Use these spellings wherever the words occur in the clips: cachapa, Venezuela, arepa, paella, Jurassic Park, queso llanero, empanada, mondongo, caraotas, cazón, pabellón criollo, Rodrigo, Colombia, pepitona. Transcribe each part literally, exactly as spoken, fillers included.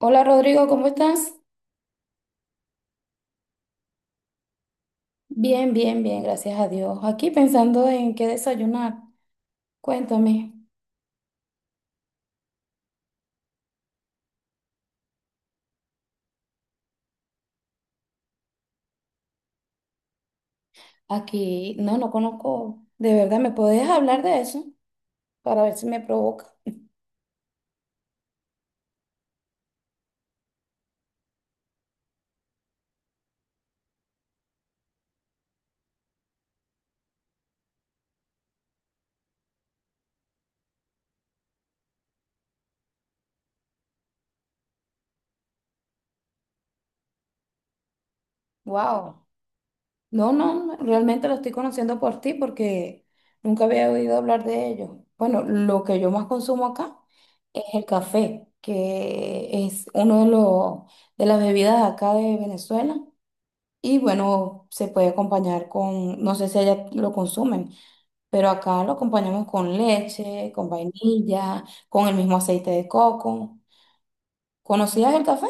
Hola Rodrigo, ¿cómo estás? Bien, bien, bien, gracias a Dios. Aquí pensando en qué desayunar. Cuéntame. Aquí, no, no conozco. De verdad, ¿me podés hablar de eso? Para ver si me provoca. Wow. No, no, realmente lo estoy conociendo por ti porque nunca había oído hablar de ello. Bueno, lo que yo más consumo acá es el café, que es uno de los de las bebidas acá de Venezuela. Y bueno, se puede acompañar con, no sé si allá lo consumen, pero acá lo acompañamos con leche, con vainilla, con el mismo aceite de coco. ¿Conocías el café?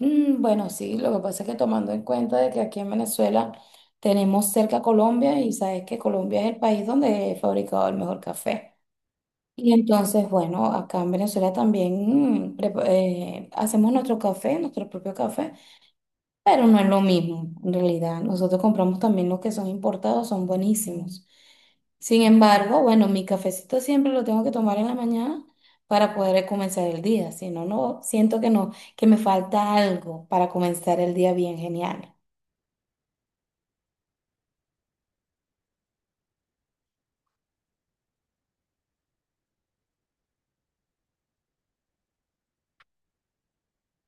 Mm, bueno, sí, lo que pasa es que tomando en cuenta de que aquí en Venezuela tenemos cerca a Colombia y sabes que Colombia es el país donde he fabricado el mejor café. Y entonces, bueno, acá en Venezuela también mm, prepa- eh, hacemos nuestro café, nuestro propio café. Pero no es lo mismo, en realidad. Nosotros compramos también los que son importados, son buenísimos. Sin embargo, bueno, mi cafecito siempre lo tengo que tomar en la mañana para poder comenzar el día. Si no, no, siento que no, que me falta algo para comenzar el día bien genial.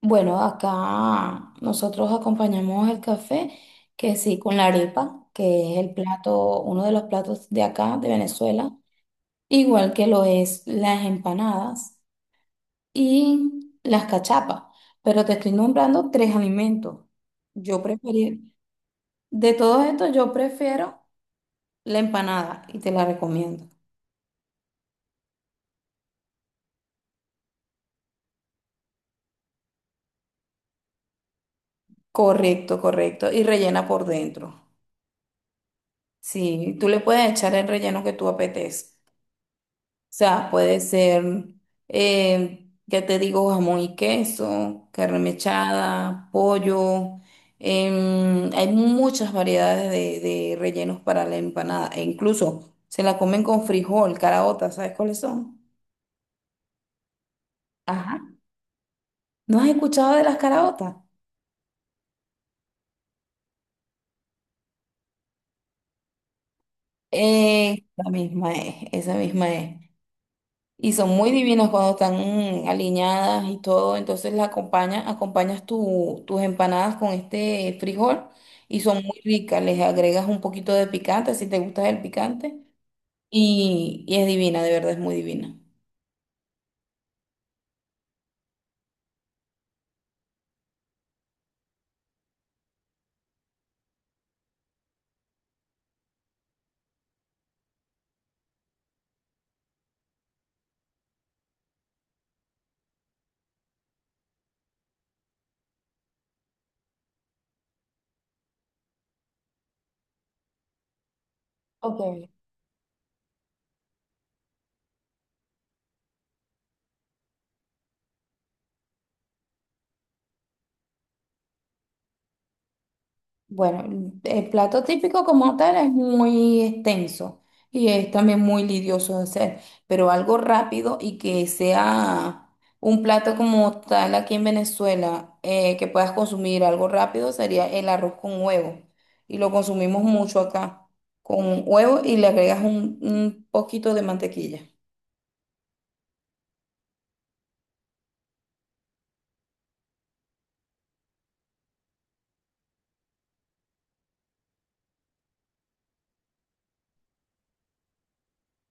Bueno, acá nosotros acompañamos el café, que sí, con la arepa, que es el plato, uno de los platos de acá, de Venezuela, igual que lo es las empanadas y las cachapas. Pero te estoy nombrando tres alimentos. Yo prefería, de todos estos, yo prefiero la empanada y te la recomiendo. Correcto, correcto. Y rellena por dentro. Sí, tú le puedes echar el relleno que tú apetezcas. Sea, puede ser, eh, ya te digo, jamón y queso, carne mechada, pollo. Em, hay muchas variedades de, de rellenos para la empanada. E incluso se la comen con frijol, caraotas, ¿sabes cuáles son? Ajá. ¿No has escuchado de las caraotas? Eh, la misma es, esa misma es. Y son muy divinas cuando están aliñadas y todo. Entonces la acompaña, acompañas tu- tus empanadas con este frijol y son muy ricas. Les agregas un poquito de picante si te gusta el picante. Y, y es divina, de verdad es muy divina. Ok. Bueno, el plato típico como tal es muy extenso y es también muy lidioso de hacer, pero algo rápido y que sea un plato como tal aquí en Venezuela, eh, que puedas consumir algo rápido sería el arroz con huevo. Y lo consumimos mucho acá, con huevo y le agregas un, un poquito de mantequilla.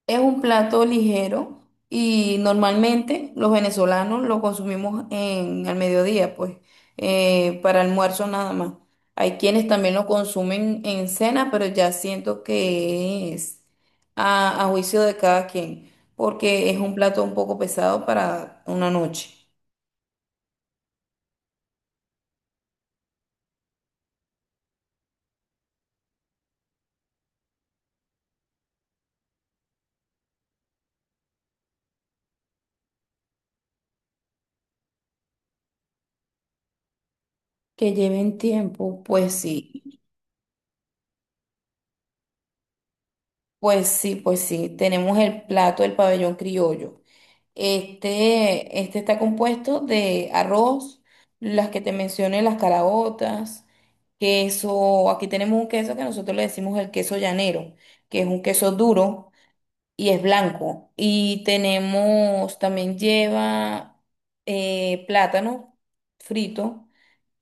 Es un plato ligero y normalmente los venezolanos lo consumimos en al mediodía, pues, eh, para almuerzo nada más. Hay quienes también lo consumen en cena, pero ya siento que es a, a juicio de cada quien, porque es un plato un poco pesado para una noche. Que lleven tiempo, pues sí, pues sí, pues sí. Tenemos el plato del pabellón criollo. Este, este está compuesto de arroz, las que te mencioné, las caraotas, queso. Aquí tenemos un queso que nosotros le decimos el queso llanero, que es un queso duro y es blanco. Y tenemos, también lleva eh, plátano frito,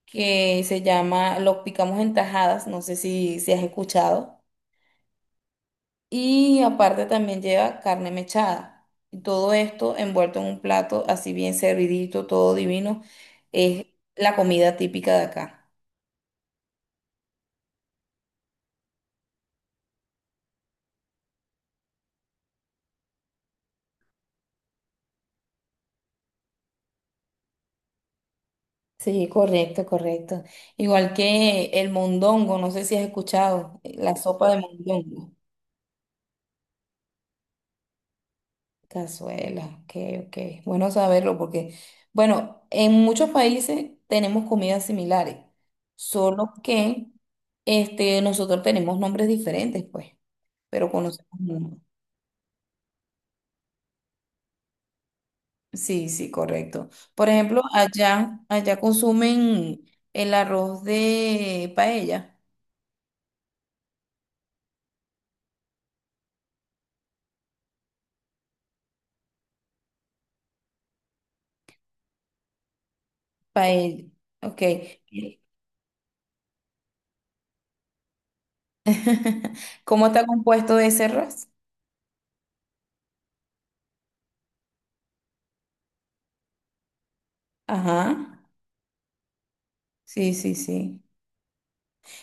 que se llama, lo picamos en tajadas, no sé si, si has escuchado. Y aparte también lleva carne mechada. Y todo esto envuelto en un plato así bien servidito, todo divino, es la comida típica de acá. Sí, correcto, correcto. Igual que el mondongo, no sé si has escuchado, eh, la sopa de mondongo. Cazuela, ok, ok. Bueno saberlo porque, bueno, en muchos países tenemos comidas similares, solo que este, nosotros tenemos nombres diferentes, pues, pero conocemos. Sí, sí, correcto. Por ejemplo, allá, allá consumen el arroz de paella. Paella, ok. ¿Cómo está compuesto ese arroz? Ajá. Sí, sí, sí.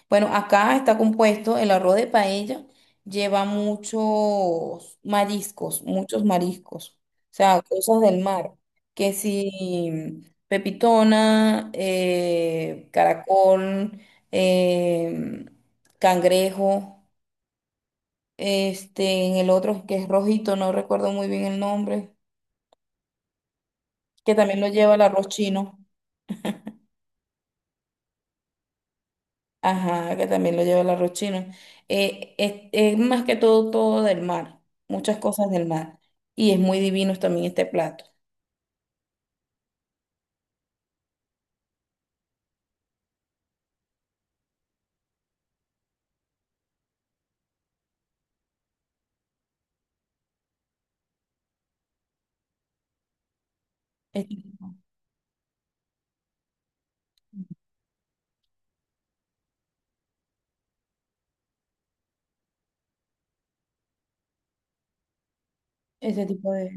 Bueno, acá está compuesto el arroz de paella, lleva muchos mariscos, muchos mariscos, o sea, cosas del mar, que si pepitona, eh, caracol, eh, cangrejo, este, en el otro que es rojito, no recuerdo muy bien el nombre, que también lo lleva el arroz chino. Ajá, que también lo lleva el arroz chino. Eh, es, es más que todo todo del mar, muchas cosas del mar. Y es muy divino también este plato. Este tipo, ese tipo de...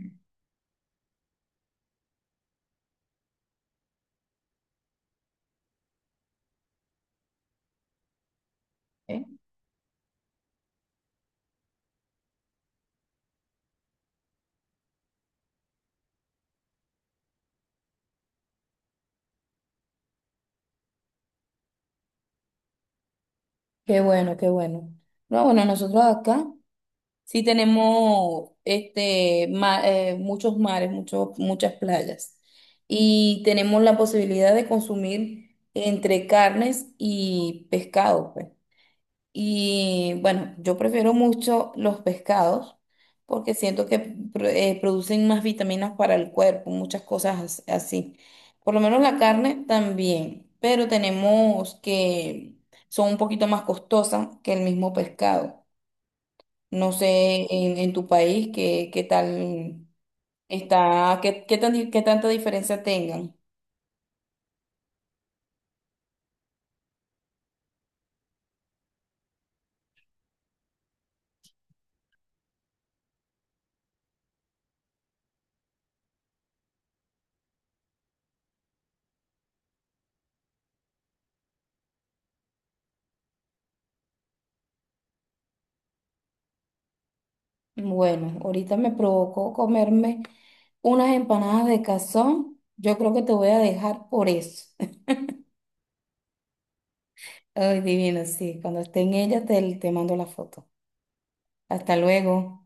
¿eh? Qué bueno, qué bueno. No, bueno, nosotros acá sí tenemos este, ma- eh, muchos mares, muchos, muchas playas. Y tenemos la posibilidad de consumir entre carnes y pescado, pues. Y bueno, yo prefiero mucho los pescados porque siento que pro- eh, producen más vitaminas para el cuerpo, muchas cosas as- así. Por lo menos la carne también, pero tenemos que son un poquito más costosas que el mismo pescado. No sé en, en tu país qué, qué tal está, qué, qué tan di- qué tanta diferencia tengan. Bueno, ahorita me provocó comerme unas empanadas de cazón. Yo creo que te voy a dejar por eso. Ay, divino, sí. Cuando esté en ella te, te mando la foto. Hasta luego.